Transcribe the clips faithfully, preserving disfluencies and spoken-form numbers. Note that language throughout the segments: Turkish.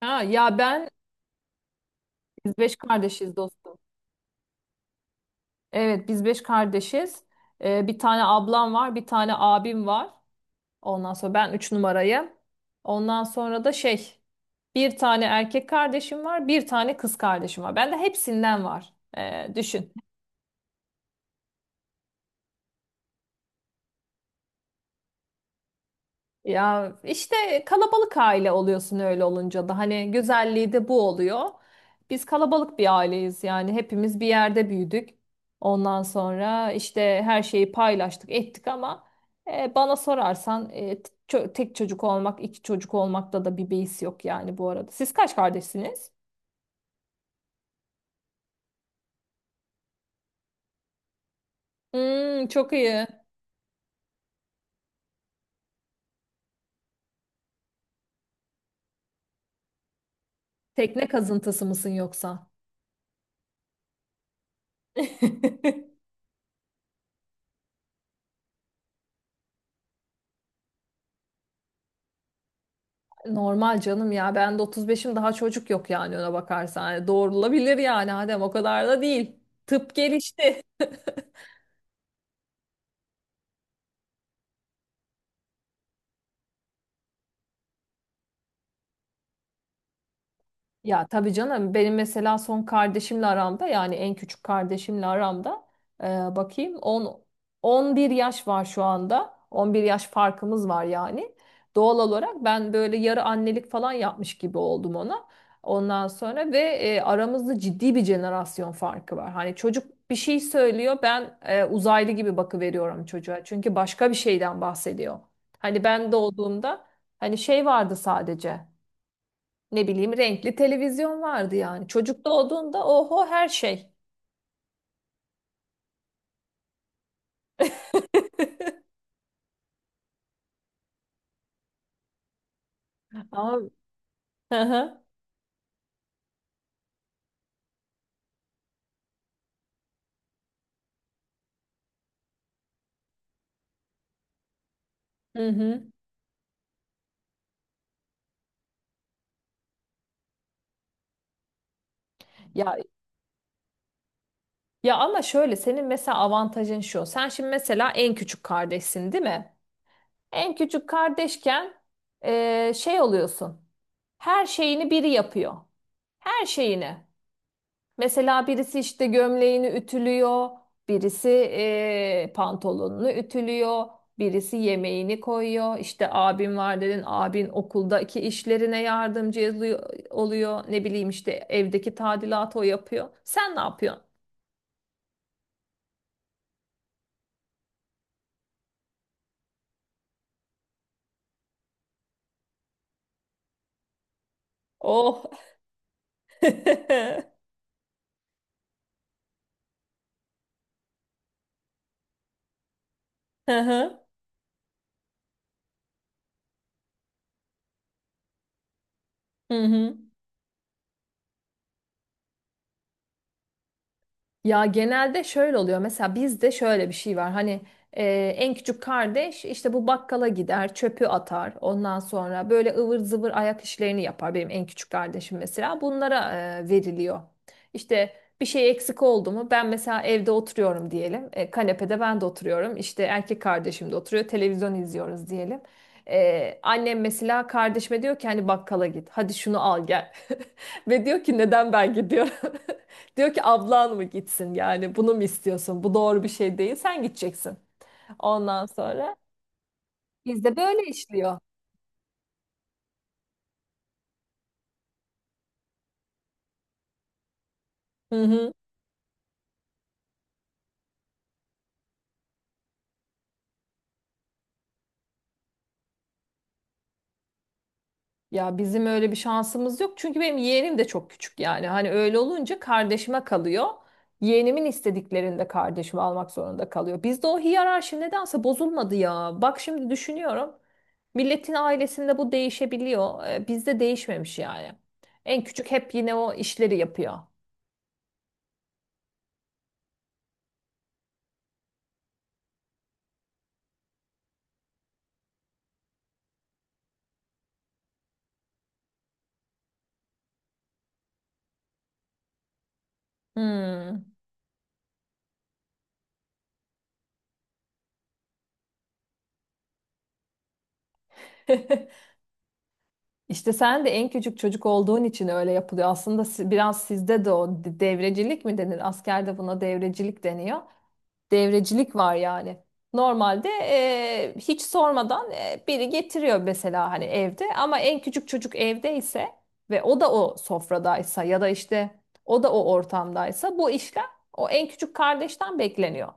Ha, ya ben biz beş kardeşiz dostum. Evet, biz beş kardeşiz. Ee, bir tane ablam var, bir tane abim var. Ondan sonra ben üç numarayım. Ondan sonra da şey bir tane erkek kardeşim var, bir tane kız kardeşim var. Bende hepsinden var. Ee, düşün. Ya işte kalabalık aile oluyorsun, öyle olunca da hani güzelliği de bu oluyor. Biz kalabalık bir aileyiz, yani hepimiz bir yerde büyüdük. Ondan sonra işte her şeyi paylaştık ettik ama e, bana sorarsan e, t- ço- tek çocuk olmak, iki çocuk olmakta da bir beis yok yani bu arada. Siz kaç kardeşsiniz? Hmm, çok iyi. Tekne kazıntısı mısın yoksa? Normal canım ya. Ben de otuz beşim, daha çocuk yok yani ona bakarsan. Yani doğrulabilir yani Adem, o kadar da değil. Tıp gelişti. Ya tabii canım, benim mesela son kardeşimle aramda, yani en küçük kardeşimle aramda e, bakayım, on on bir yaş var şu anda. on bir yaş farkımız var yani. Doğal olarak ben böyle yarı annelik falan yapmış gibi oldum ona. Ondan sonra ve e, aramızda ciddi bir jenerasyon farkı var. Hani çocuk bir şey söylüyor, ben e, uzaylı gibi bakıveriyorum çocuğa. Çünkü başka bir şeyden bahsediyor. Hani ben doğduğumda hani şey vardı sadece. Ne bileyim, renkli televizyon vardı yani. Çocuk doğduğunda oho, her şey. Ama hı hı. Hı hı. Ya ya ama şöyle, senin mesela avantajın şu. Sen şimdi mesela en küçük kardeşsin, değil mi? En küçük kardeşken eee, şey oluyorsun. Her şeyini biri yapıyor. Her şeyini. Mesela birisi işte gömleğini ütülüyor, birisi eee, pantolonunu ütülüyor, birisi yemeğini koyuyor. İşte abim var dedin, abin okuldaki işlerine yardımcı yazıyor- oluyor. Ne bileyim işte evdeki tadilatı o yapıyor. Sen ne yapıyorsun? Oh. Hı hı. Hı hı. Ya genelde şöyle oluyor. Mesela bizde şöyle bir şey var. Hani e, en küçük kardeş işte bu bakkala gider, çöpü atar. Ondan sonra böyle ıvır zıvır ayak işlerini yapar. Benim en küçük kardeşim mesela bunlara e, veriliyor. İşte bir şey eksik oldu mu? Ben mesela evde oturuyorum diyelim. E, kanepede ben de oturuyorum. İşte erkek kardeşim de oturuyor. Televizyon izliyoruz diyelim. E, annem mesela kardeşime diyor ki hani, bakkala git, hadi şunu al gel. Ve diyor ki, neden ben gidiyorum? Diyor ki, ablan mı gitsin, yani bunu mu istiyorsun? Bu doğru bir şey değil. Sen gideceksin. Ondan sonra bizde böyle işliyor. Hı hı. Ya bizim öyle bir şansımız yok. Çünkü benim yeğenim de çok küçük yani. Hani öyle olunca kardeşime kalıyor. Yeğenimin istediklerini de kardeşime almak zorunda kalıyor. Bizde o hiyerarşi nedense bozulmadı ya. Bak şimdi düşünüyorum. Milletin ailesinde bu değişebiliyor. Ee, Bizde değişmemiş yani. En küçük hep yine o işleri yapıyor. Hmm. İşte sen de en küçük çocuk olduğun için öyle yapılıyor. Aslında si- biraz sizde de o de- devrecilik mi denir? Askerde buna devrecilik deniyor. Devrecilik var yani. Normalde e, hiç sormadan e, biri getiriyor mesela, hani evde ama en küçük çocuk evdeyse ve o da o sofradaysa ya da işte o da o ortamdaysa bu işlem o en küçük kardeşten bekleniyor.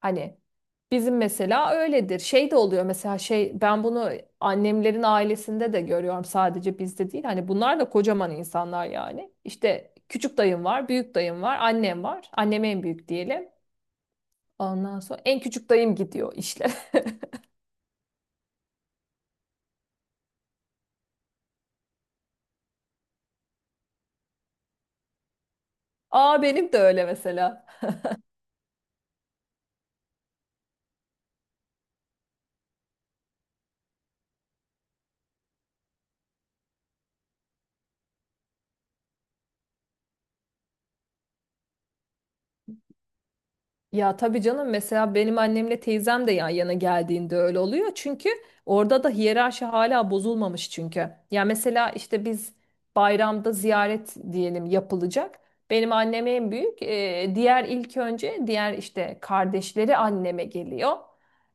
Hani bizim mesela öyledir. Şey de oluyor mesela, şey ben bunu annemlerin ailesinde de görüyorum, sadece bizde değil. Hani bunlar da kocaman insanlar yani. İşte küçük dayım var, büyük dayım var, annem var. Annem en büyük diyelim. Ondan sonra en küçük dayım gidiyor işlere. Aa, benim de öyle mesela. Ya tabii canım, mesela benim annemle teyzem de yan yana geldiğinde öyle oluyor. Çünkü orada da hiyerarşi hala bozulmamış çünkü. Ya mesela işte biz bayramda ziyaret diyelim yapılacak. Benim annem en büyük. Ee, diğer ilk önce diğer işte kardeşleri anneme geliyor.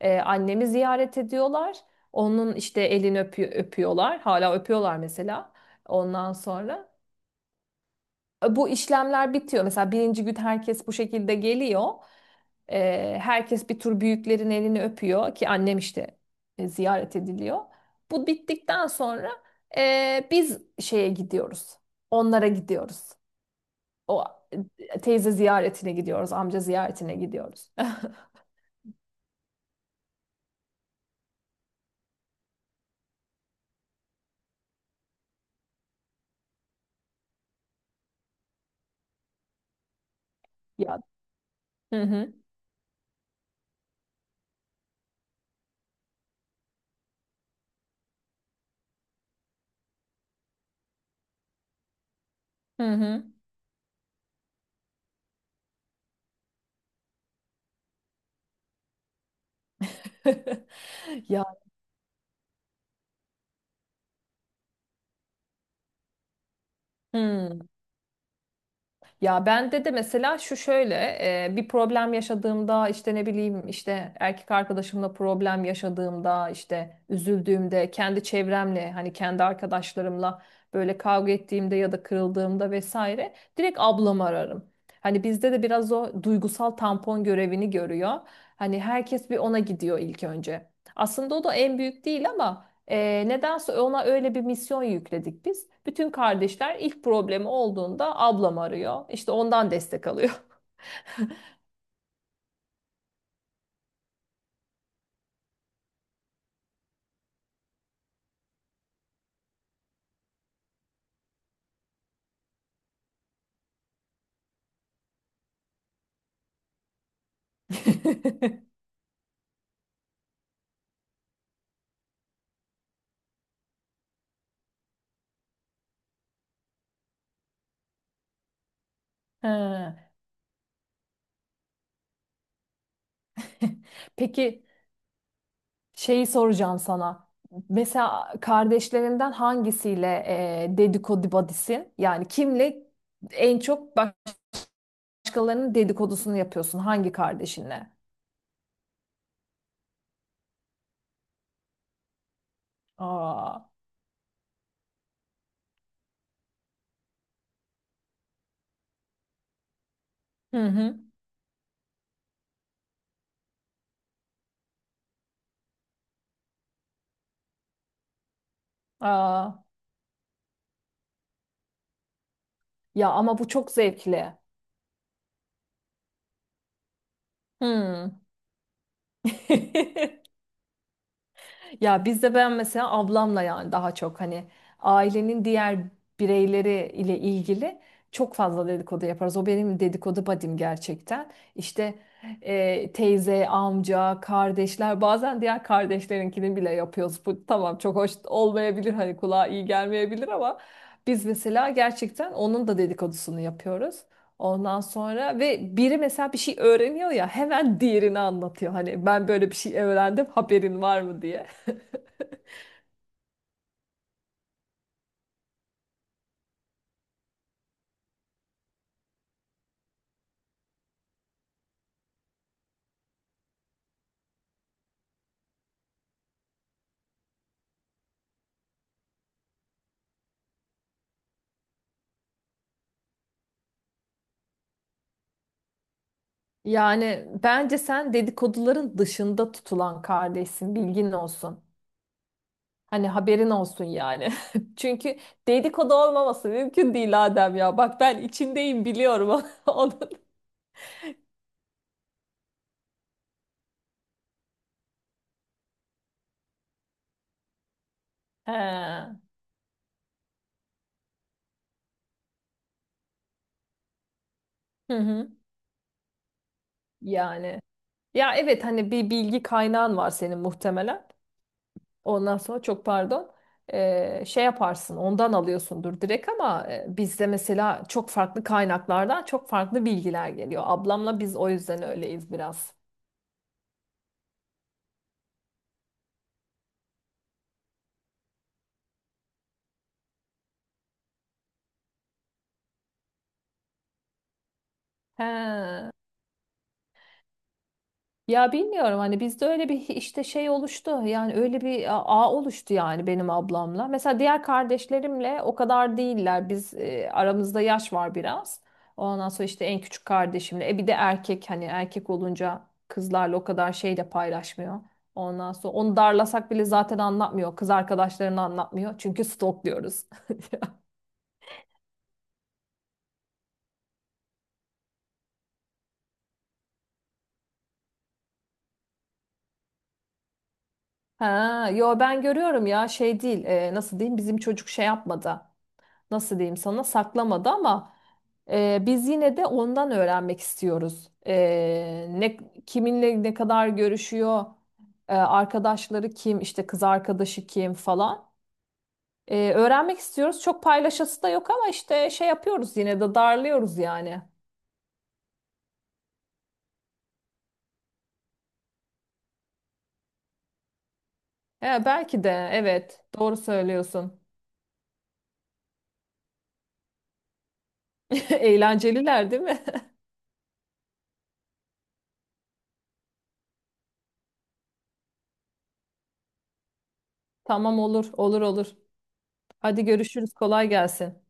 Ee, annemi ziyaret ediyorlar. Onun işte elini öpü- öpüyorlar. Hala öpüyorlar mesela. Ondan sonra. E, bu işlemler bitiyor. Mesela birinci gün herkes bu şekilde geliyor. Ee, herkes bir tur büyüklerin elini öpüyor ki annem işte e, ziyaret ediliyor. Bu bittikten sonra e, biz şeye gidiyoruz. Onlara gidiyoruz. O e, teyze ziyaretine gidiyoruz, amca ziyaretine gidiyoruz. Ya. Hı hı. Hı hı. Ya. Hı. Ya bende de mesela şu şöyle, e, bir problem yaşadığımda, işte ne bileyim, işte erkek arkadaşımla problem yaşadığımda, işte üzüldüğümde, kendi çevremle hani kendi arkadaşlarımla böyle kavga ettiğimde ya da kırıldığımda vesaire, direkt ablamı ararım. Hani bizde de biraz o duygusal tampon görevini görüyor. Hani herkes bir ona gidiyor ilk önce. Aslında o da en büyük değil ama ee, nedense ona öyle bir misyon yükledik biz. Bütün kardeşler ilk problemi olduğunda ablam arıyor. İşte ondan destek alıyor. He. Peki, şeyi soracağım sana. Mesela kardeşlerinden hangisiyle e, dedikodu badisin? Yani kimle en çok başkalarının dedikodusunu yapıyorsun? Hangi kardeşinle? Aa. Hı hı. Aa. Ya ama bu çok zevkli. Hmm. Ya bizde ben mesela ablamla, yani daha çok hani ailenin diğer bireyleri ile ilgili çok fazla dedikodu yaparız. O benim dedikodu badim gerçekten. İşte e, teyze, amca, kardeşler, bazen diğer kardeşlerinkini bile yapıyoruz. Bu tamam, çok hoş olmayabilir, hani kulağa iyi gelmeyebilir ama biz mesela gerçekten onun da dedikodusunu yapıyoruz. Ondan sonra ve biri mesela bir şey öğreniyor ya, hemen diğerini anlatıyor. Hani ben böyle bir şey öğrendim, haberin var mı diye. Yani bence sen dedikoduların dışında tutulan kardeşsin, bilgin olsun. Hani haberin olsun yani. Çünkü dedikodu olmaması mümkün değil Adem ya. Bak ben içindeyim, biliyorum onun. He. Hı hı. Yani. Ya evet, hani bir bilgi kaynağın var senin muhtemelen. Ondan sonra çok pardon. Ee, şey yaparsın, ondan alıyorsundur direkt ama e, bizde mesela çok farklı kaynaklardan çok farklı bilgiler geliyor. Ablamla biz o yüzden öyleyiz biraz. He. Ya bilmiyorum, hani bizde öyle bir işte şey oluştu, yani öyle bir a- ağ oluştu yani benim ablamla. Mesela diğer kardeşlerimle o kadar değiller, biz e, aramızda yaş var biraz. Ondan sonra işte en küçük kardeşimle, e bir de erkek, hani erkek olunca kızlarla o kadar şey de paylaşmıyor. Ondan sonra onu darlasak bile zaten anlatmıyor, kız arkadaşlarını anlatmıyor çünkü stalkluyoruz. Ha, yo ben görüyorum ya, şey değil, e, nasıl diyeyim, bizim çocuk şey yapmadı. Nasıl diyeyim sana, saklamadı ama e, biz yine de ondan öğrenmek istiyoruz. E, ne kiminle ne kadar görüşüyor, e, arkadaşları kim, işte kız arkadaşı kim falan. E, öğrenmek istiyoruz. Çok paylaşası da yok ama işte şey yapıyoruz, yine de darlıyoruz yani. E, belki de, evet, doğru söylüyorsun. Eğlenceliler değil mi? Tamam, olur olur olur. Hadi görüşürüz, kolay gelsin.